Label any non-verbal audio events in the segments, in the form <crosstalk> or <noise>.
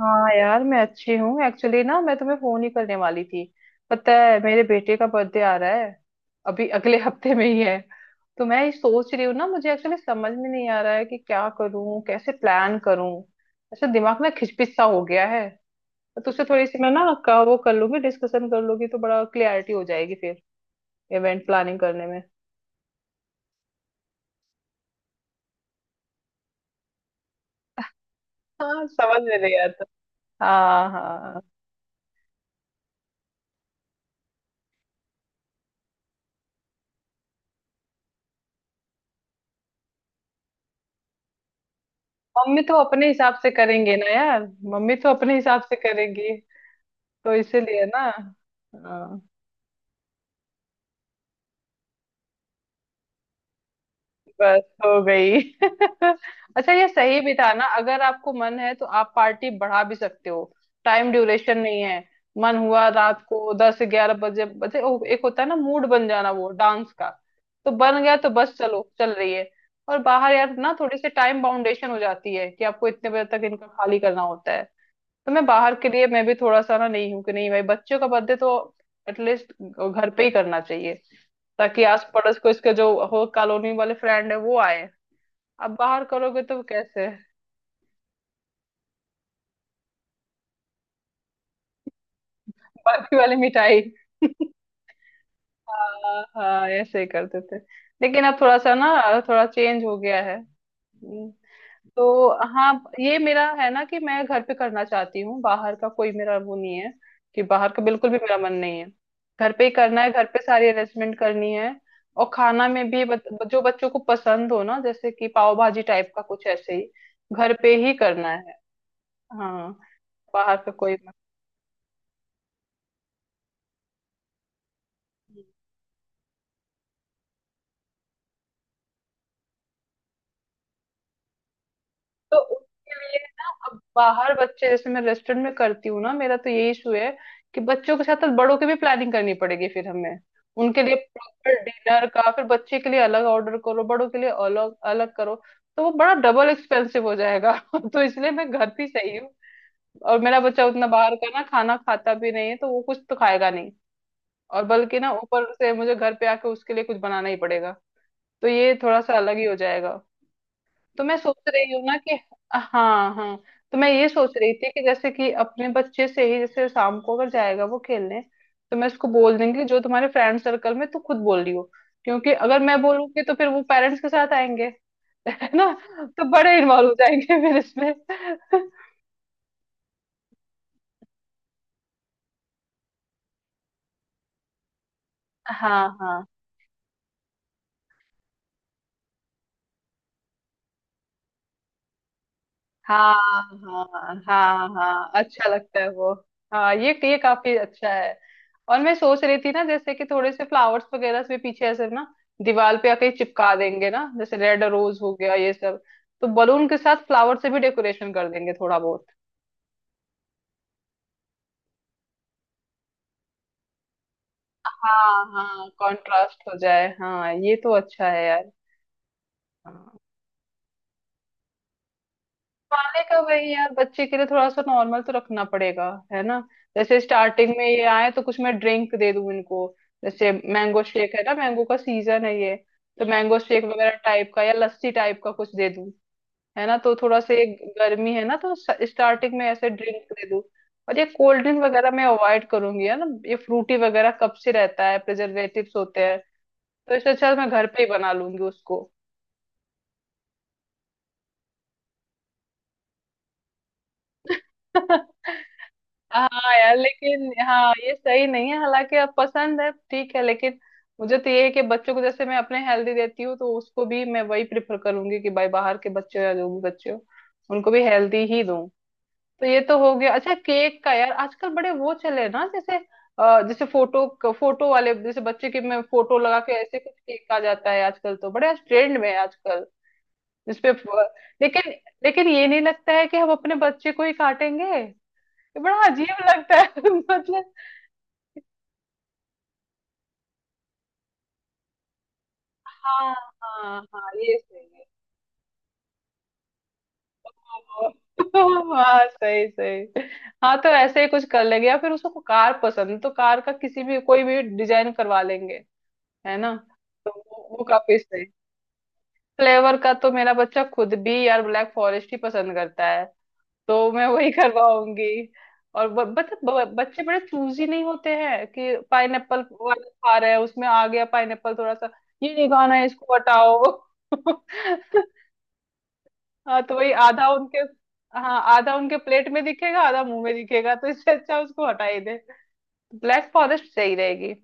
हाँ यार, मैं अच्छी हूँ। एक्चुअली ना, मैं तुम्हें फोन ही करने वाली थी। पता है, मेरे बेटे का बर्थडे आ रहा है अभी <laughs> अगले हफ्ते में ही है। तो मैं ये सोच रही हूँ ना, मुझे एक्चुअली समझ में नहीं आ रहा है कि क्या करूँ, कैसे प्लान करूँ। ऐसा दिमाग ना खिचपिच सा हो गया है। तो तुझसे थोड़ी सी मैं ना का वो कर लूंगी, डिस्कशन कर लूंगी, तो बड़ा क्लियरिटी हो जाएगी फिर इवेंट प्लानिंग करने में। हाँ, समझ में नहीं आता। हाँ, हाँ। मम्मी तो अपने हिसाब से करेंगे ना यार। मम्मी तो अपने हिसाब से करेंगी। तो इसीलिए ना। हाँ। बस हो गई <laughs> अच्छा, ये सही भी था ना, अगर आपको मन है तो आप पार्टी बढ़ा भी सकते हो। टाइम ड्यूरेशन नहीं है। मन हुआ रात को दस ग्यारह बजे बजे ओ, एक होता है ना मूड बन जाना वो डांस का। तो बन गया तो बस चलो चल रही है। और बाहर यार ना थोड़ी सी टाइम बाउंडेशन हो जाती है कि आपको इतने बजे तक इनका खाली करना होता है। तो मैं बाहर के लिए मैं भी थोड़ा सा ना नहीं हूँ कि नहीं भाई, बच्चों का बर्थडे तो एटलीस्ट घर पे ही करना चाहिए। ताकि आस पड़ोस को इसके जो हो कॉलोनी वाले फ्रेंड है वो आए। अब बाहर करोगे तो कैसे। बाकी वाली मिठाई <laughs> हाँ हाँ, ऐसे ही करते थे। लेकिन अब थोड़ा सा ना, थोड़ा चेंज हो गया है। हम्म। तो हाँ, ये मेरा है ना कि मैं घर पे करना चाहती हूँ, बाहर का कोई मेरा वो नहीं है। कि बाहर का बिल्कुल भी मेरा मन नहीं है। घर पे ही करना है, घर पे सारी अरेंजमेंट करनी है। और खाना में भी जो बच्चों को पसंद हो ना, जैसे कि पाव भाजी टाइप का कुछ, ऐसे ही घर पे ही करना है। हाँ, बाहर का कोई मत। तो उसके लिए ना, अब बाहर बच्चे जैसे मैं रेस्टोरेंट में करती हूँ ना, मेरा तो यही इशू है कि बच्चों के साथ साथ बड़ों की भी प्लानिंग करनी पड़ेगी फिर हमें। उनके लिए प्रॉपर डिनर का, फिर बच्चे के लिए अलग ऑर्डर करो, बड़ों के लिए अलग अलग करो। तो वो बड़ा डबल एक्सपेंसिव हो जाएगा <laughs> तो इसलिए मैं घर पे सही हूँ। और मेरा बच्चा उतना बाहर का ना खाना खाता भी नहीं है, तो वो कुछ तो खाएगा नहीं। और बल्कि ना ऊपर से मुझे घर पे आके उसके लिए कुछ बनाना ही पड़ेगा। तो ये थोड़ा सा अलग ही हो जाएगा। तो मैं सोच रही हूँ ना कि, हाँ हाँ, तो मैं ये सोच रही थी कि जैसे कि अपने बच्चे से ही, जैसे शाम को अगर जाएगा वो खेलने, तो मैं उसको बोल देंगी कि जो तुम्हारे फ्रेंड सर्कल में तू खुद बोल रही हो। क्योंकि अगर मैं बोलूंगी तो फिर वो पेरेंट्स के साथ आएंगे <laughs> है ना। तो बड़े इन्वॉल्व हो जाएंगे फिर इसमें <laughs> हाँ, हाँ, हाँ, हाँ, हाँ, हाँ, अच्छा लगता है वो। हाँ, ये काफी अच्छा है। और मैं सोच रही थी ना, जैसे कि थोड़े से फ्लावर्स वगैरह से पीछे ऐसे ना दीवार पे आके चिपका देंगे ना, जैसे रेड रोज हो गया, ये सब। तो बलून के साथ फ्लावर से भी डेकोरेशन कर देंगे थोड़ा बहुत। हाँ हाँ, कॉन्ट्रास्ट हो जाए, हाँ, ये तो अच्छा है यार। हाँ। वाले का वही यार, बच्चे के लिए थोड़ा सा नॉर्मल तो रखना पड़ेगा, है ना। जैसे स्टार्टिंग में ये आए तो कुछ मैं ड्रिंक दे दूं इनको। जैसे मैंगो शेक, है ना, मैंगो का सीजन है ये। तो मैंगो शेक वगैरह टाइप का या लस्सी टाइप का कुछ दे दूं, है ना। तो थोड़ा सा ये गर्मी है ना, तो स्टार्टिंग में ऐसे ड्रिंक दे दूं। और ये कोल्ड ड्रिंक वगैरह मैं अवॉइड करूंगी, है ना, ये फ्रूटी वगैरह कब से रहता है, प्रिजर्वेटिव्स होते हैं। तो इससे अच्छा तो मैं घर पे ही बना लूंगी उसको। <laughs> हाँ यार, लेकिन हाँ, ये सही नहीं है, हालांकि अब पसंद है, ठीक है लेकिन। मुझे तो ये है कि बच्चों को जैसे मैं अपने हेल्दी देती हूँ, तो उसको भी मैं वही प्रेफर करूंगी कि भाई बाहर के बच्चों या जो भी बच्चे हो, उनको भी हेल्दी ही दूं। तो ये तो हो गया। अच्छा, केक का यार, आजकल बड़े वो चले हैं ना, जैसे जैसे फोटो फोटो वाले, जैसे बच्चे की मैं फोटो लगा के, ऐसे कुछ केक आ जाता है आजकल, तो बड़े ट्रेंड में है आजकल जिसपे। लेकिन, ये नहीं लगता है कि हम अपने बच्चे को ही काटेंगे। ये बड़ा अजीब लगता है <laughs> मतलब। हाँ हाँ हाँ, ये सही है। ओहो, <laughs> हाँ, सही सही। हाँ, तो ऐसे ही कुछ कर लेंगे, या फिर उसको कार पसंद है, तो कार का किसी भी कोई भी डिजाइन करवा लेंगे, है ना। तो वो काफी सही। फ्लेवर का तो मेरा बच्चा खुद भी यार ब्लैक फॉरेस्ट ही पसंद करता है। तो मैं वही करवाऊंगी। और बच्चे बड़े चूजी नहीं होते हैं कि पाइनएप्पल वाला खा रहे हैं, उसमें आ गया पाइनएप्पल थोड़ा सा, ये नहीं खाना है इसको हटाओ <laughs> हाँ, तो वही आधा उनके। हाँ, आधा उनके प्लेट में दिखेगा, आधा मुंह में दिखेगा, तो इससे अच्छा उसको हटा ही दे। ब्लैक फॉरेस्ट सही रहेगी।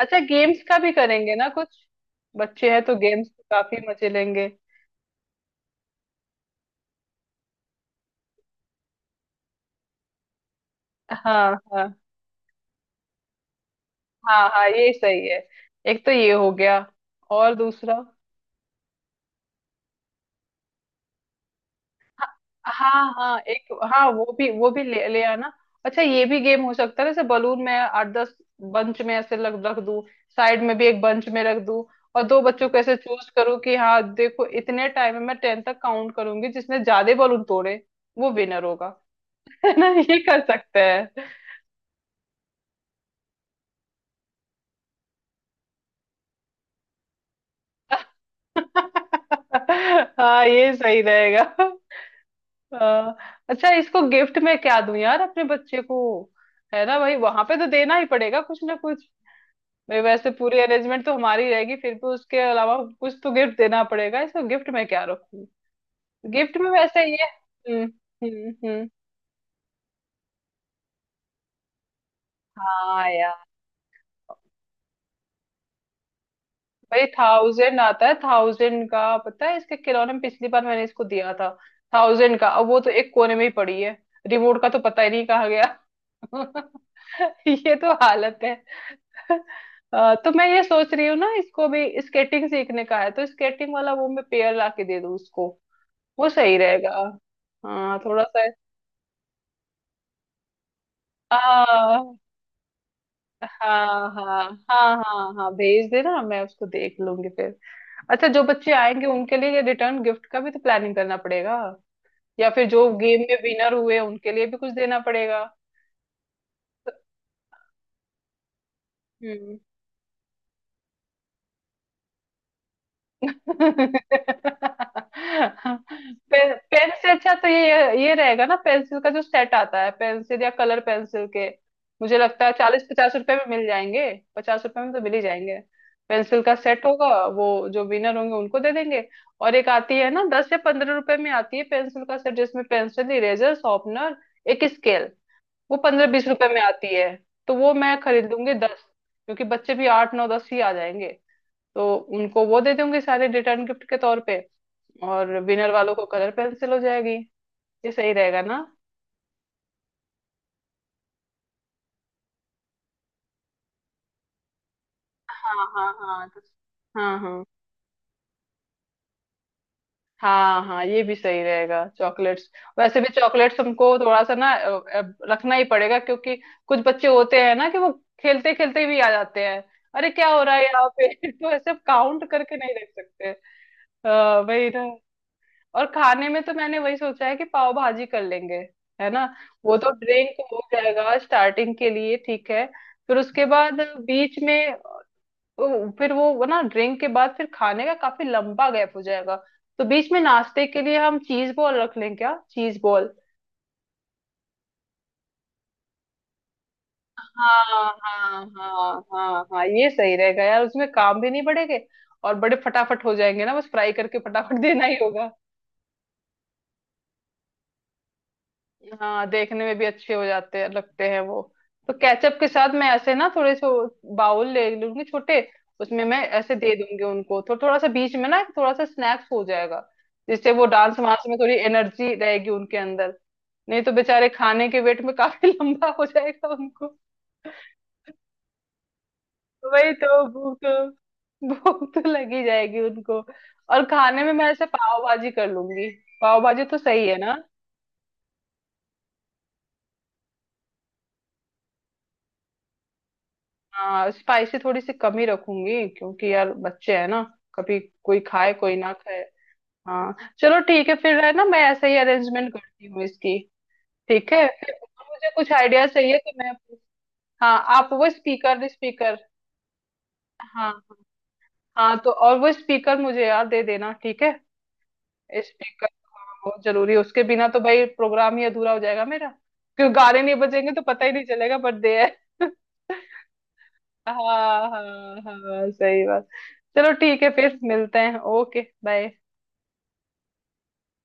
अच्छा, गेम्स का भी करेंगे ना कुछ। बच्चे हैं तो गेम्स काफी मजे लेंगे। हाँ, हाँ, हाँ, हाँ, ये सही है। एक तो ये हो गया और दूसरा, हाँ हाँ, एक, हाँ, वो भी ले ले आना। अच्छा, ये भी गेम हो सकता है, जैसे बलून में 8-10 बंच में ऐसे लग रख दूं, साइड में भी एक बंच में रख दूं, और दो बच्चों को ऐसे चूज करूं कि हाँ देखो, इतने टाइम में मैं 10 तक काउंट करूंगी, जिसने ज्यादा बलून तोड़े वो विनर होगा <laughs> है ना, ये कर सकते हैं <laughs> हाँ, ये सही रहेगा <laughs> हाँ। अच्छा, इसको गिफ्ट में क्या दूं यार अपने बच्चे को। है ना भाई, वहां पे तो देना ही पड़ेगा कुछ ना। भाई वैसे पूरी अरेंजमेंट तो हमारी रहेगी, फिर भी उसके अलावा कुछ तो गिफ्ट देना पड़ेगा, इसमें गिफ्ट में क्या रखूं। गिफ्ट में वैसे ये, हम्म। हम्म। हम्म। हाँ यार। भाई थाउजेंड आता है, थाउजेंड का पता है, इसके खिलौने में पिछली बार मैंने इसको दिया था थाउजेंड का, अब वो तो एक कोने में ही पड़ी है। रिमोट का तो पता ही नहीं कहाँ गया <laughs> ये तो हालत है। तो मैं ये सोच रही हूँ ना, इसको भी स्केटिंग सीखने का है, तो स्केटिंग वाला वो मैं पेयर ला के दे दूँ उसको, वो सही रहेगा। हाँ, थोड़ा सा। आ, हाँ, हाँ, हाँ, हाँ, हाँ, भेज देना, मैं उसको देख लूंगी फिर। अच्छा, जो बच्चे आएंगे उनके लिए रिटर्न गिफ्ट का भी तो प्लानिंग करना पड़ेगा, या फिर जो गेम में विनर हुए उनके लिए भी कुछ देना पड़ेगा। हम्म। पेन से अच्छा तो ये रहेगा ना पेंसिल का, जो सेट आता है पेंसिल या कलर पेंसिल के। मुझे लगता है 40-50 रुपए में मिल जाएंगे, 50 रुपए में तो मिल ही जाएंगे। पेंसिल का सेट होगा वो, जो विनर होंगे उनको दे देंगे। और एक आती है ना 10 या 15 रुपए में, आती है पेंसिल का सेट, जिसमें पेंसिल, इरेजर, शॉर्पनर, एक स्केल, वो 15-20 रुपए में आती है। तो वो मैं खरीद लूंगी 10, क्योंकि बच्चे भी 8, 9, 10 ही आ जाएंगे। तो उनको वो दे दूंगी सारे रिटर्न गिफ्ट के तौर पे। और विनर वालों को कलर पेंसिल हो जाएगी। ये सही रहेगा ना। हाँ हाँ हाँ, तो, हाँ हाँ हाँ हाँ, ये भी सही रहेगा, चॉकलेट्स। वैसे भी चॉकलेट्स हमको थोड़ा सा ना रखना ही पड़ेगा, क्योंकि कुछ बच्चे होते हैं ना कि वो खेलते खेलते भी आ जाते हैं। अरे क्या हो रहा है यहाँ पे <laughs> तो ऐसे काउंट करके नहीं रख सकते, वही ना। और खाने में तो मैंने वही सोचा है कि पाव भाजी कर लेंगे, है ना। वो तो ड्रिंक हो जाएगा स्टार्टिंग के लिए, ठीक है फिर, उसके बाद बीच में फिर वो ना, ड्रिंक के बाद फिर खाने का काफी लंबा गैप हो जाएगा। तो बीच में नाश्ते के लिए हम चीज बॉल रख लें क्या, चीज बॉल। हाँ, हाँ, हाँ, हाँ, हाँ, ये सही रहेगा यार, उसमें काम भी नहीं बढ़ेंगे। और बड़े फटाफट हो जाएंगे ना, बस फ्राई करके फटाफट देना ही होगा। हाँ, देखने में भी अच्छे हो जाते हैं, लगते हैं वो। तो केचप के साथ मैं ऐसे ना थोड़े से बाउल ले लूंगी छोटे, उसमें मैं ऐसे दे दूंगी उनको, तो थोड़ा सा बीच में ना थोड़ा सा स्नैक्स हो जाएगा। जिससे वो डांस वांस में थोड़ी एनर्जी रहेगी उनके अंदर। नहीं तो बेचारे खाने के वेट में काफी <laughs> लंबा हो जाएगा उनको। तो वही तो भूख, भूख तो लगी जाएगी उनको। और खाने में मैं ऐसे पाव भाजी कर लूंगी, पाव भाजी तो सही है ना। हाँ, स्पाइसी थोड़ी सी कम ही रखूंगी, क्योंकि यार बच्चे हैं ना, कभी कोई खाए कोई ना खाए। हाँ, चलो ठीक है फिर, है ना, मैं ऐसे ही अरेंजमेंट करती हूँ इसकी। ठीक है फिर, और मुझे कुछ आइडिया चाहिए तो मैं आपको- हाँ, आप वो स्पीकर, स्पीकर, हाँ हाँ, तो और वो स्पीकर मुझे यार दे देना, ठीक है। स्पीकर, हाँ, बहुत जरूरी है, उसके बिना तो भाई प्रोग्राम ही अधूरा हो जाएगा मेरा। क्यों, गाने नहीं बजेंगे तो पता ही नहीं चलेगा बर्थडे है। हाँ हाँ हाँ, सही बात। चलो ठीक है फिर, मिलते हैं, ओके, बाय।